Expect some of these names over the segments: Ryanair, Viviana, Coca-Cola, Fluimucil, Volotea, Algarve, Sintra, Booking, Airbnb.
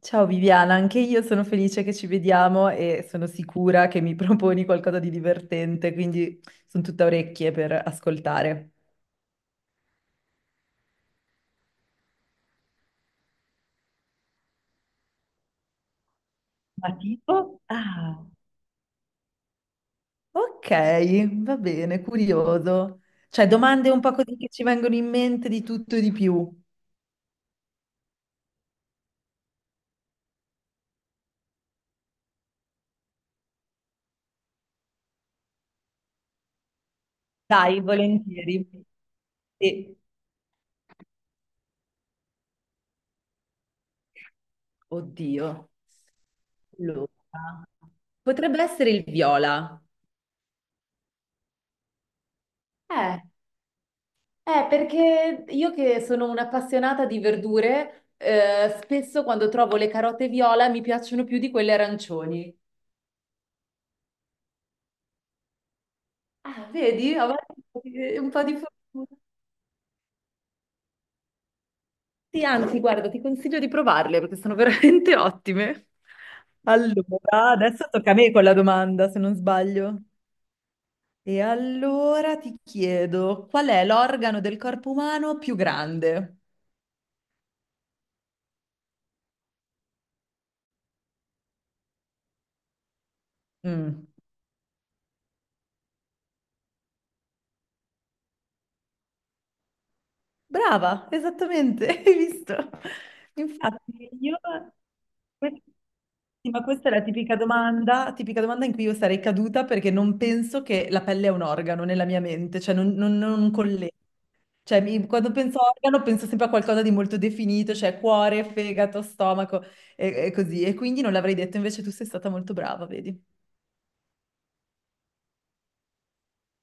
Ciao Viviana, anche io sono felice che ci vediamo e sono sicura che mi proponi qualcosa di divertente, quindi sono tutta orecchie per ascoltare. Ma tipo? Ah, ok, va bene, curioso. Cioè, domande un po' così che ci vengono in mente di tutto e di più. Dai, volentieri. E, oddio, allora, potrebbe essere il viola. Eh. Perché io che sono un'appassionata di verdure, spesso quando trovo le carote viola mi piacciono più di quelle arancioni. Ah, vedi? Avrei un po' di fortuna. Sì, anzi, guarda, ti consiglio di provarle perché sono veramente ottime. Allora, adesso tocca a me con la domanda, se non sbaglio. E allora ti chiedo, qual è l'organo del corpo umano più grande? Mm. Brava, esattamente, hai visto? Infatti, io... Sì, ma questa è la tipica domanda in cui io sarei caduta perché non penso che la pelle è un organo nella mia mente, cioè non colle- Cioè, mi- quando penso a organo penso sempre a qualcosa di molto definito, cioè cuore, fegato, stomaco e così. E quindi non l'avrei detto, invece tu sei stata molto brava, vedi?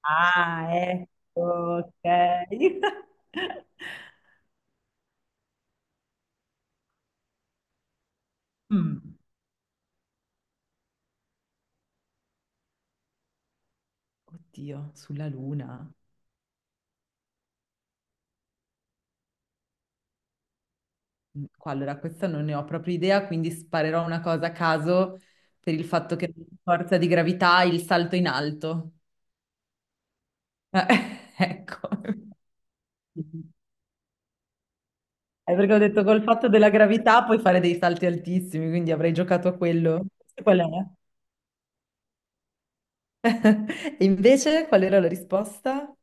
Ah, ecco, ok. Mm. Oddio, sulla luna. Qua, allora, questa non ne ho proprio idea, quindi sparerò una cosa a caso per il fatto che non forza di gravità il salto in alto. Eh, ecco. È perché ho detto col fatto della gravità puoi fare dei salti altissimi, quindi avrei giocato a quello. Qual è? E invece qual era la risposta?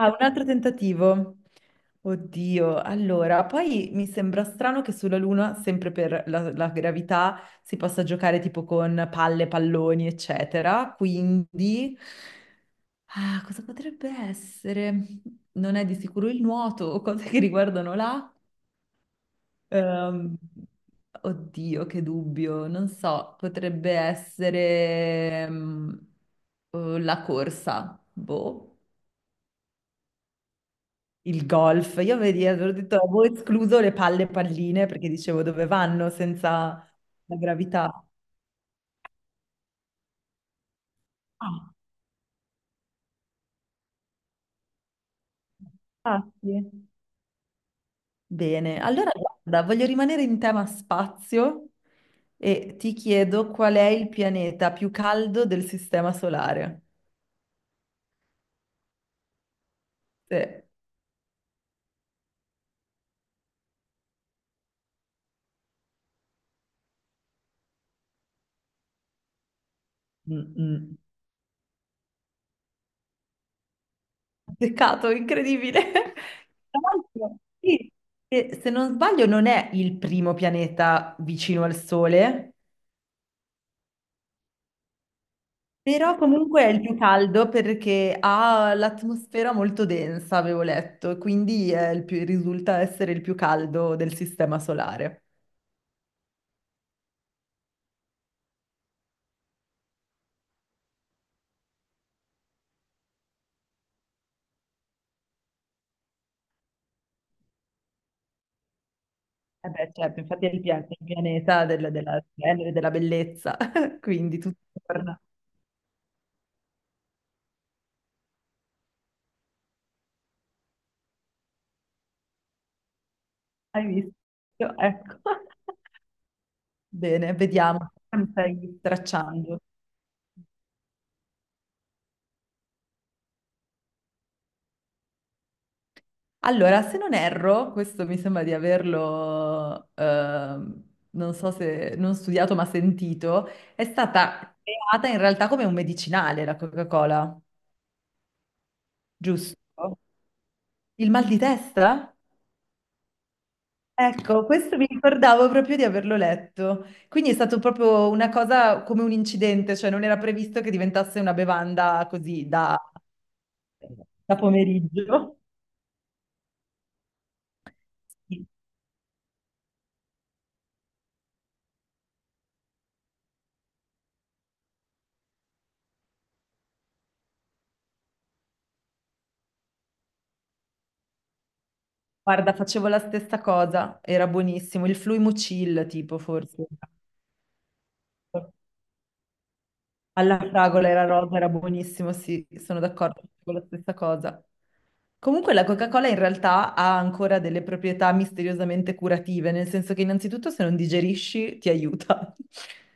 Ah, un altro tentativo. Oddio, allora, poi mi sembra strano che sulla Luna, sempre per la gravità, si possa giocare tipo con palle, palloni, eccetera. Quindi, ah, cosa potrebbe essere? Non è di sicuro il nuoto o cose che riguardano l'acqua. Ehm, oddio, che dubbio, non so, potrebbe essere la corsa, boh. Il golf, io vedi, avevo detto, avevo escluso le palle e palline perché dicevo dove vanno senza la gravità. Ah, ah, sì. Bene, allora guarda, voglio rimanere in tema spazio e ti chiedo qual è il pianeta più caldo del sistema solare. Sì. Mm, mm. Peccato, incredibile. Tra l'altro, sì, e se non sbaglio non è il primo pianeta vicino al Sole. Però comunque è il più caldo perché ha l'atmosfera molto densa, avevo letto, e quindi è il più- risulta essere il più caldo del sistema solare. Eh beh, certo, infatti è il, pia- il pianeta del- della splendere, della bellezza, quindi tutto torna. Hai visto? Ecco. Bene, vediamo. Mi stai stracciando. Allora, se non erro, questo mi sembra di averlo, non so se non studiato ma sentito, è stata creata in realtà come un medicinale la Coca-Cola, giusto? Il mal di testa? Ecco, questo mi ricordavo proprio di averlo letto. Quindi è stato proprio una cosa come un incidente, cioè non era previsto che diventasse una bevanda così da, da pomeriggio. Sì. Guarda, facevo la stessa cosa, era buonissimo. Il Fluimucil, tipo, forse. Alla fragola era rosa, era buonissimo, sì, sono d'accordo con la stessa cosa. Comunque la Coca-Cola in realtà ha ancora delle proprietà misteriosamente curative, nel senso che innanzitutto se non digerisci ti aiuta.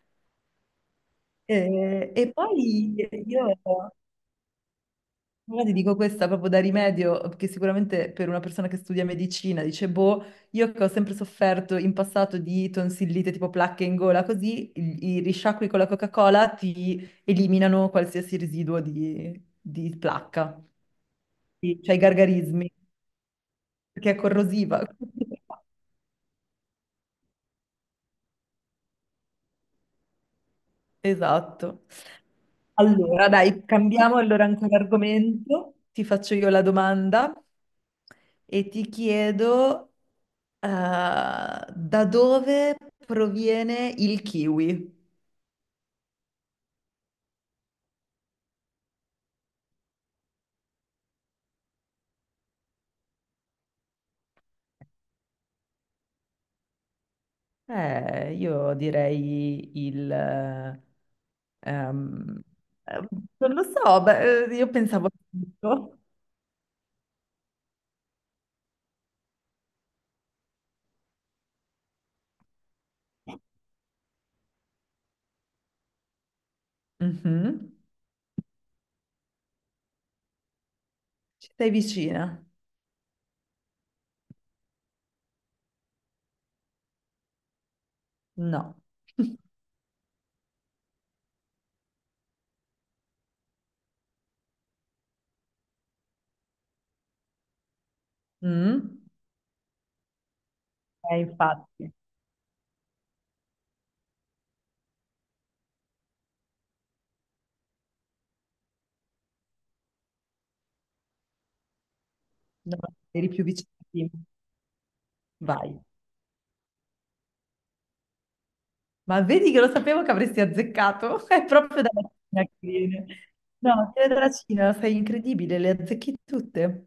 E, e poi io ora ti dico questa proprio da rimedio, perché sicuramente per una persona che studia medicina dice, boh, io che ho sempre sofferto in passato di tonsillite tipo placche in gola, così i risciacqui con la Coca-Cola ti eliminano qualsiasi residuo di placca. Sì, cioè i gargarismi, perché è corrosiva. Esatto. Allora, dai, cambiamo allora ancora argomento. Ti faccio io la domanda e ti chiedo, da dove proviene il kiwi? Io direi il... ehm, eh, non lo so, beh, io pensavo... a tutto. Mhm. Ci sei vicina? No. Mm? Infatti, no, eri più vicino. Vai. Ma vedi che lo sapevo che avresti azzeccato? È proprio dalla Cina che viene. No, è dalla Cina, sei incredibile, le azzecchi tutte.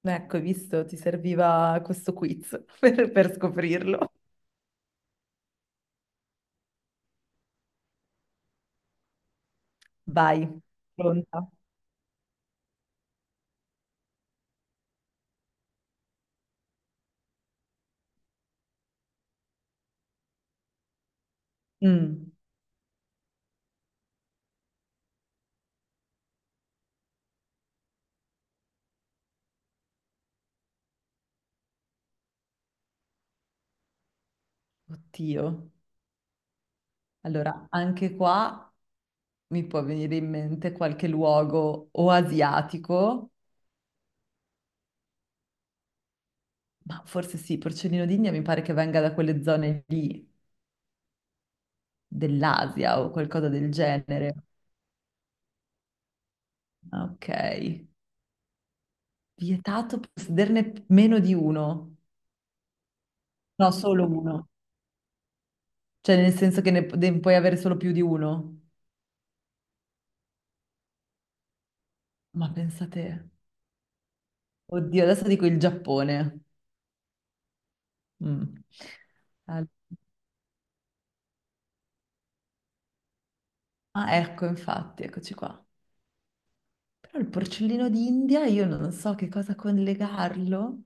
Ecco, hai visto, ti serviva questo quiz per scoprirlo. Vai, pronta. Mm, oddio. Allora, anche qua mi può venire in mente qualche luogo o asiatico, ma forse sì, porcellino d'India mi pare che venga da quelle zone lì dell'Asia o qualcosa del genere. Ok. Vietato possederne meno di uno? No, solo uno. Cioè, nel senso che ne, ne puoi avere solo più di uno? Ma pensate, oddio, adesso dico il Giappone. Mm. Al- Ah, ecco, infatti, eccoci qua. Però il porcellino d'India, io non so che cosa collegarlo.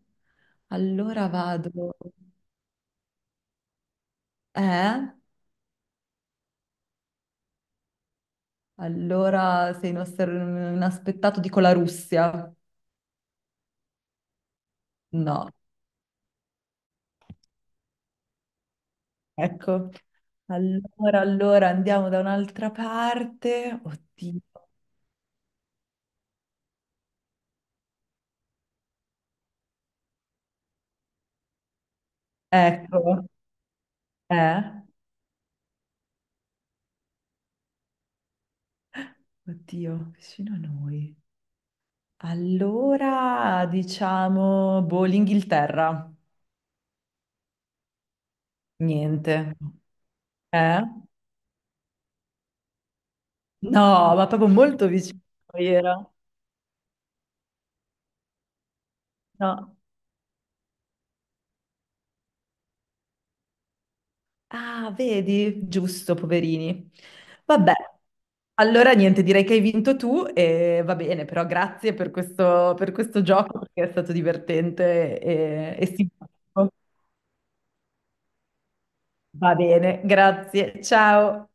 Allora vado... Eh? Allora sei inosser- inaspettato, dico la Russia. No, ecco. Allora, allora andiamo da un'altra parte. Oddio. Ecco, eh? Oddio, vicino a noi. Allora, diciamo, boh, l'Inghilterra. Niente. Eh? No, ma proprio molto vicino era. No. Ah, vedi? Giusto, poverini. Vabbè. Allora, niente, direi che hai vinto tu e va bene, però grazie per questo gioco perché è stato divertente e simpatico. Va bene, grazie. Ciao.